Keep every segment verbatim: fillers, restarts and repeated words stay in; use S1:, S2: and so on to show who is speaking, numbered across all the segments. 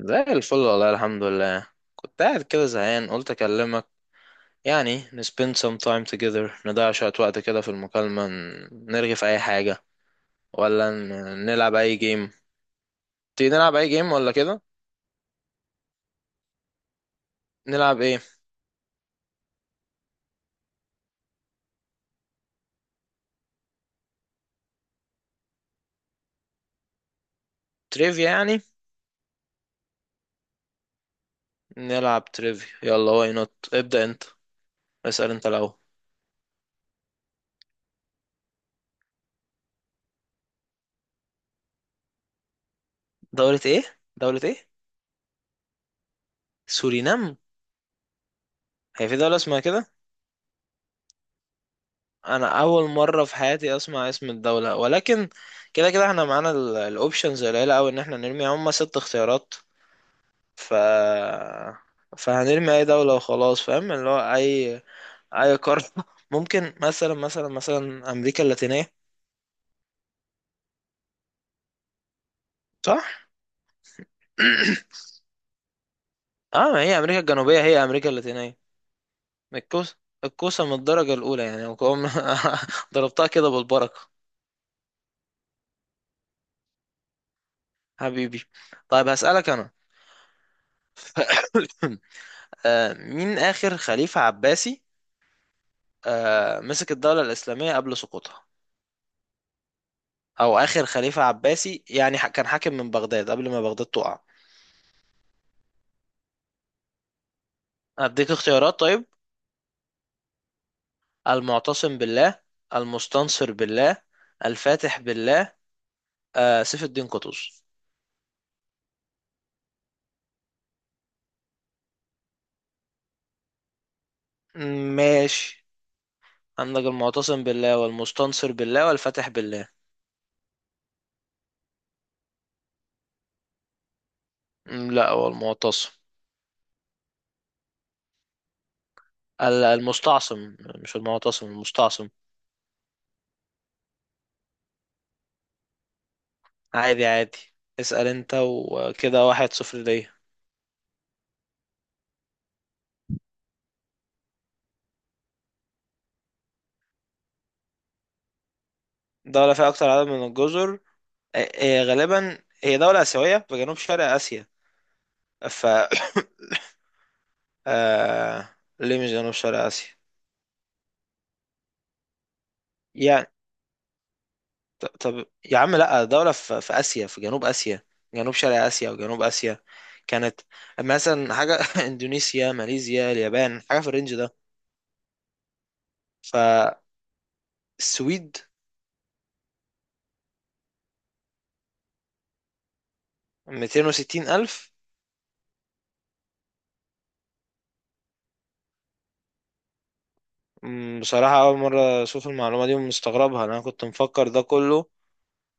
S1: زي الفل والله الحمد لله. كنت قاعد كده زهقان قلت اكلمك. يعني ن spend some time together، نضيع شوية وقت كده في المكالمة، ن- نرغي في اي حاجة، ولا ن- نلعب اي جيم. تيجي نلعب اي جيم ولا كده؟ نلعب ايه؟ تريفيا يعني. نلعب تريفيا، يلا. واي نوت؟ ابدأ انت، اسأل انت الاول. دولة ايه؟ دولة ايه؟ سورينام؟ هي في دولة اسمها كده؟ انا اول مرة في حياتي اسمع اسم الدولة، ولكن كده كده احنا معانا. الاوبشنز قليله قوي، ان احنا نرمي هم ست اختيارات، ف فهنرمي اي دولة وخلاص، فاهم، اللي هو اي اي قارة. ممكن مثلا مثلا مثلا امريكا اللاتينية. صح. اه، ما هي امريكا الجنوبية هي امريكا اللاتينية. الكوسة، الكوسة من الدرجة الاولى يعني، وكم- ضربتها كده بالبركة. حبيبي. طيب هسألك انا. آه مين اخر خليفة عباسي، آه مسك الدولة الاسلامية قبل سقوطها، او اخر خليفة عباسي يعني، ح- كان حاكم من بغداد قبل ما بغداد تقع. اديك اختيارات طيب؟ المعتصم بالله، المستنصر بالله، الفاتح بالله، آه سيف الدين قطز. مم، ماشي. عندك المعتصم بالله والمستنصر بالله والفاتح بالله. مم، لا، هو المعتصم. ال- المستعصم، مش المعتصم، المستعصم. عادي عادي. اسأل انت، وكده واحد صفر ليا. دولة فيها أكتر عدد من الجزر؟ آه، آه، غالبا هي دولة آسيوية في جنوب شرق آسيا. ف آه... ليه مش جنوب شرق آسيا؟ يعني ط- طب يا عم، لا، دولة في في آسيا، في جنوب آسيا. جنوب شرق آسيا وجنوب آسيا كانت مثلا حاجة، إندونيسيا، ماليزيا، اليابان، حاجة في الرينج ده. فالسويد. مئتين وستين ألف؟ مم، بصراحة أول مرة أشوف المعلومة دي ومستغربها، لأن أنا كنت مفكر ده كله،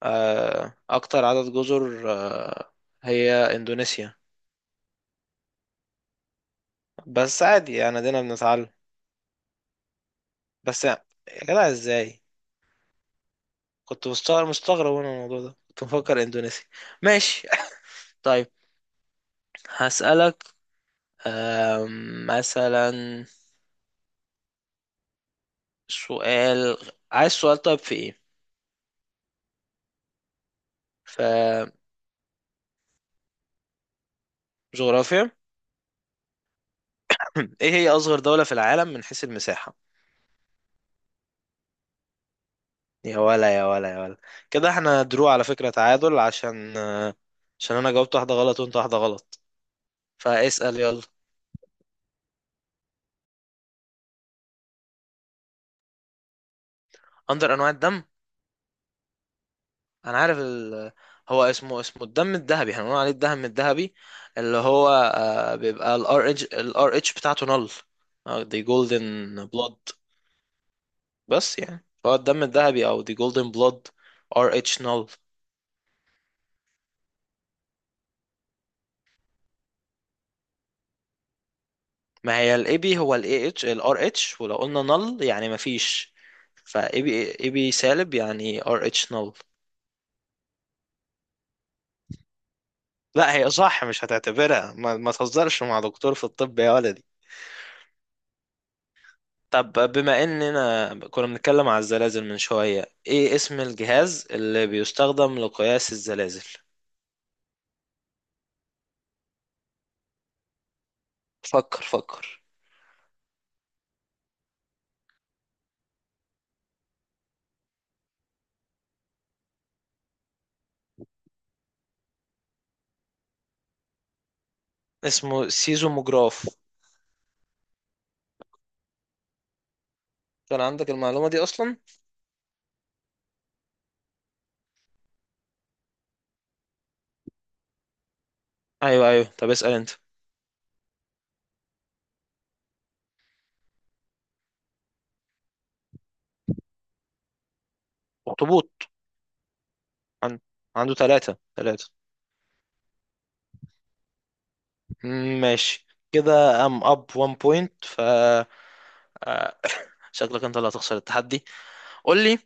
S1: آه، أكتر عدد جزر آه، هي إندونيسيا. بس عادي يعني، دينا بنتعلم. بس يا جدع، إزاي؟ كنت مستغرب مستغرب، وأنا الموضوع ده كنت مفكر إندونيسيا. ماشي. طيب هسألك. آم، مثلا، سؤال، عايز سؤال. طيب في ايه؟ في جغرافيا. ايه هي اصغر دولة في العالم من حيث المساحة؟ يا ولا، يا ولا، يا ولا. كده احنا درو على فكرة، تعادل، عشان آه، عشان انا جاوبت واحدة غلط وانت واحدة غلط. فاسأل، يلا. اندر انواع الدم؟ انا عارف ال... هو اسمه اسمه الدم الذهبي، احنا بنقول عليه الدم الذهبي، اللي هو، آه، بيبقى الار اتش الار اتش بتاعته نل، دي جولدن بلود. بس يعني هو الدم الذهبي او دي جولدن بلود، ار اتش نل. ما هي الاي بي، هو الاي اتش الار اتش، ولو قلنا نل يعني ما فيش. فاي بي، اي بي سالب يعني ار اتش نل. لا، هي صح، مش هتعتبرها، ما, ما تهزرش مع دكتور في الطب يا ولدي. طب، بما اننا كنا بنتكلم على الزلازل من شوية، ايه اسم الجهاز اللي بيستخدم لقياس الزلازل؟ فكر فكر. اسمه سيزوموجراف. كان عندك المعلومة دي اصلا؟ ايوه ايوه. طب اسأل انت. اخطبوط. عن... عنده ثلاثة ثلاثة. مم، ماشي. كده ام اب واحد بوينت، ف آه، شكلك انت اللي هتخسر التحدي. قول لي،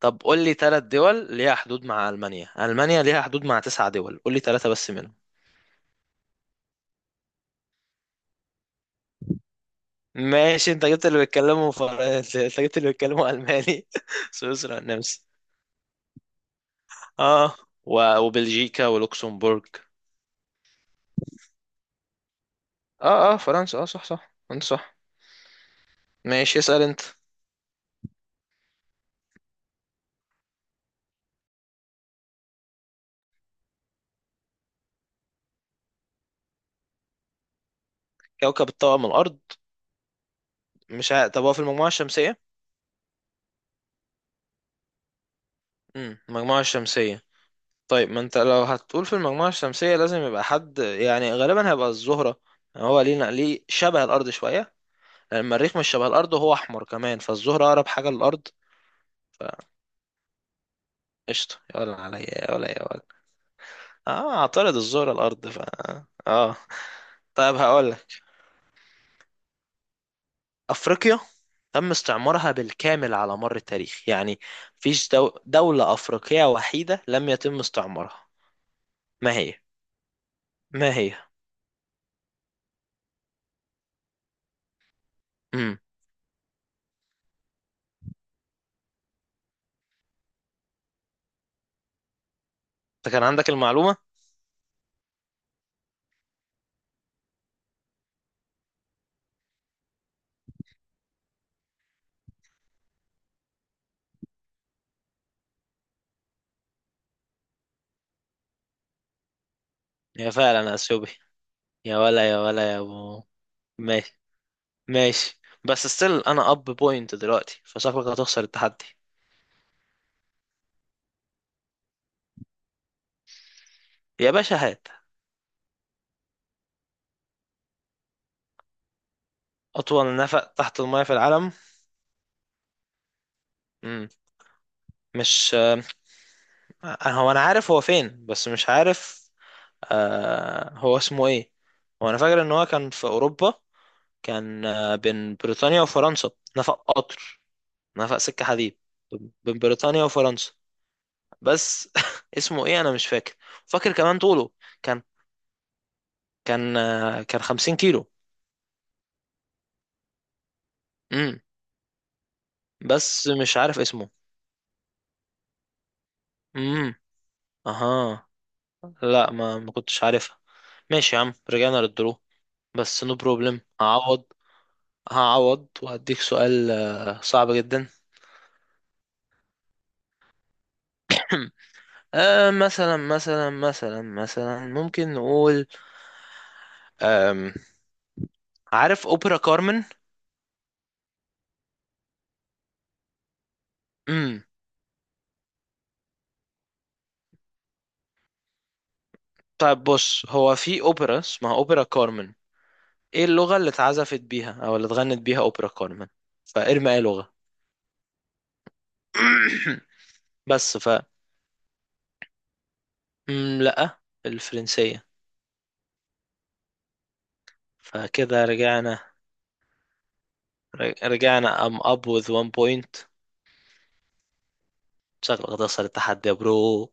S1: طب قول لي ثلاث دول ليها حدود مع المانيا. المانيا ليها حدود مع تسع دول، قول لي ثلاثة بس منهم. ماشي، انت جبت اللي بيتكلموا فر... انت جبت اللي بيتكلموا الماني. سويسرا، النمسا. اه، و... وبلجيكا ولوكسمبورغ. اه اه، فرنسا، اه، صح صح، انت صح. ماشي، اسأل انت. كوكب الطاقم الارض؟ مش ع... طب هو في المجموعة الشمسية؟ امم المجموعة الشمسية. طيب، ما انت لو هتقول في المجموعة الشمسية لازم يبقى حد يعني غالبا هيبقى الزهرة. يعني هو ليه ليه شبه الأرض شوية، لأن المريخ مش شبه الأرض وهو أحمر كمان، فالزهرة أقرب حاجة للأرض. فقشطة يا ولا، عليا يا ولا يا ولا. اه، اعترض، الزهرة الأرض. ف اه. طيب هقولك. أفريقيا تم استعمارها بالكامل على مر التاريخ يعني، مفيش دو... دولة أفريقية وحيدة لم يتم استعمارها. ما هي؟ ما هي؟ امم انت كان عندك المعلومة. هي فعلا أثيوبيا. يا ولا، يا ولا يا ابو. ماشي ماشي، بس ستيل انا اب بوينت دلوقتي، فشكلك هتخسر التحدي. يا باشا هات. اطول نفق تحت المايه في العالم؟ مم. مش، آه، هو انا عارف هو فين بس مش عارف، آه هو اسمه ايه. هو انا فاكر ان هو كان في اوروبا، كان آه بين بريطانيا وفرنسا، نفق قطر، نفق سكة حديد بين بريطانيا وفرنسا. بس اسمه ايه انا مش فاكر. فاكر كمان طوله، كان كان آه كان 50 كيلو. مم. بس مش عارف اسمه. امم اها. لا، ما ما كنتش عارفها. ماشي يا عم، رجعنا للدرو. بس نو بروبلم، هعوض. هعوض وهديك سؤال آه، صعب جدا. آه مثلا مثلا مثلا مثلا ممكن نقول. آم عارف اوبرا كارمن؟ امم طيب بص، هو في اوبرا اسمها اوبرا كارمن، ايه اللغة اللي اتعزفت بيها او اللي اتغنت بيها اوبرا كارمن؟ فارمي اي لغة؟ بس ف مم، لا، الفرنسية. فكده رجعنا، رجعنا ام اب وذ وان بوينت. شكلك هتخسر التحدي يا برو.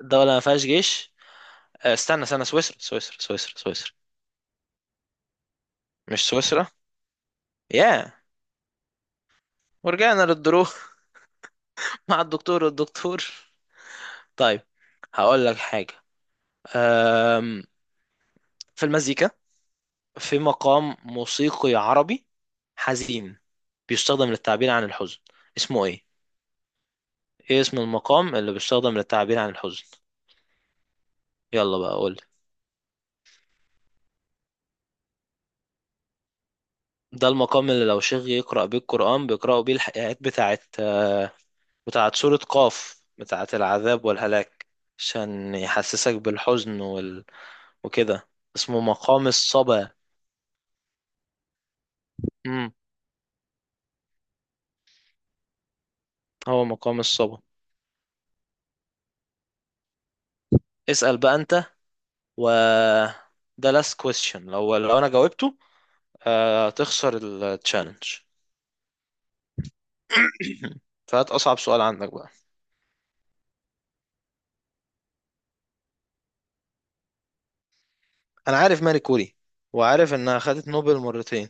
S1: الدولة ما فيهاش جيش؟ آه، استنى استنى، سويسرا سويسرا سويسرا سويسرا. مش سويسرا؟ يا، ورجعنا للدرو. مع الدكتور والدكتور. طيب هقول لك حاجة. أم، في المزيكا، في مقام موسيقي عربي حزين، بيستخدم للتعبير عن الحزن، اسمه ايه؟ ايه اسم المقام اللي بيستخدم للتعبير عن الحزن؟ يلا بقى قول. ده المقام اللي لو شيخ يقرأ بيه القرآن بيقرأوا بيه الآيات بتاعت بتاعت سورة قاف، بتاعت العذاب والهلاك، عشان يحسسك بالحزن وال... وكده. اسمه مقام الصبا. امم هو مقام الصبا. اسأل بقى انت. و ده last question، لو لو انا جاوبته آه... تخسر التشالنج. فهات اصعب سؤال عندك بقى. انا عارف ماري كوري، وعارف انها خدت نوبل مرتين،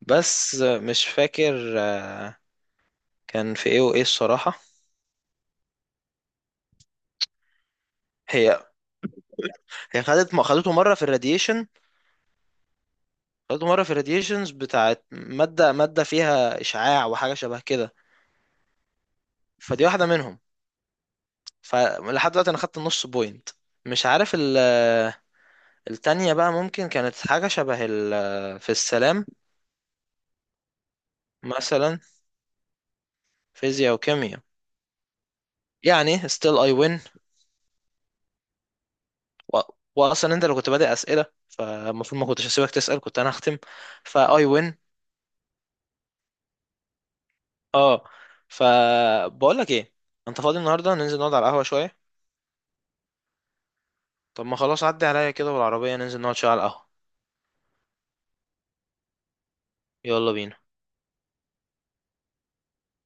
S1: بس مش فاكر آه، كان في ايه وايه الصراحة. هي هي خدت، ما خدته مره في الراديشن، خدته مره في الراديشنز بتاعت ماده ماده فيها اشعاع وحاجه شبه كده. فدي واحده منهم. فلحد دلوقتي انا خدت نص بوينت، مش عارف ال- التانية. بقى ممكن كانت حاجة شبه ال- في السلام مثلا. فيزياء وكيمياء؟ يعني still I win. و... وأصلا أنت اللي كنت بادئ أسئلة، فالمفروض ما كنتش هسيبك تسأل، كنت أنا هختم. فا I win. اه. فبقول لك إيه، أنت فاضي النهاردة؟ ننزل نقعد على القهوة شوية. طب ما خلاص، عدي عليا كده بالعربية، ننزل نقعد شوية على القهوة. يلا بينا.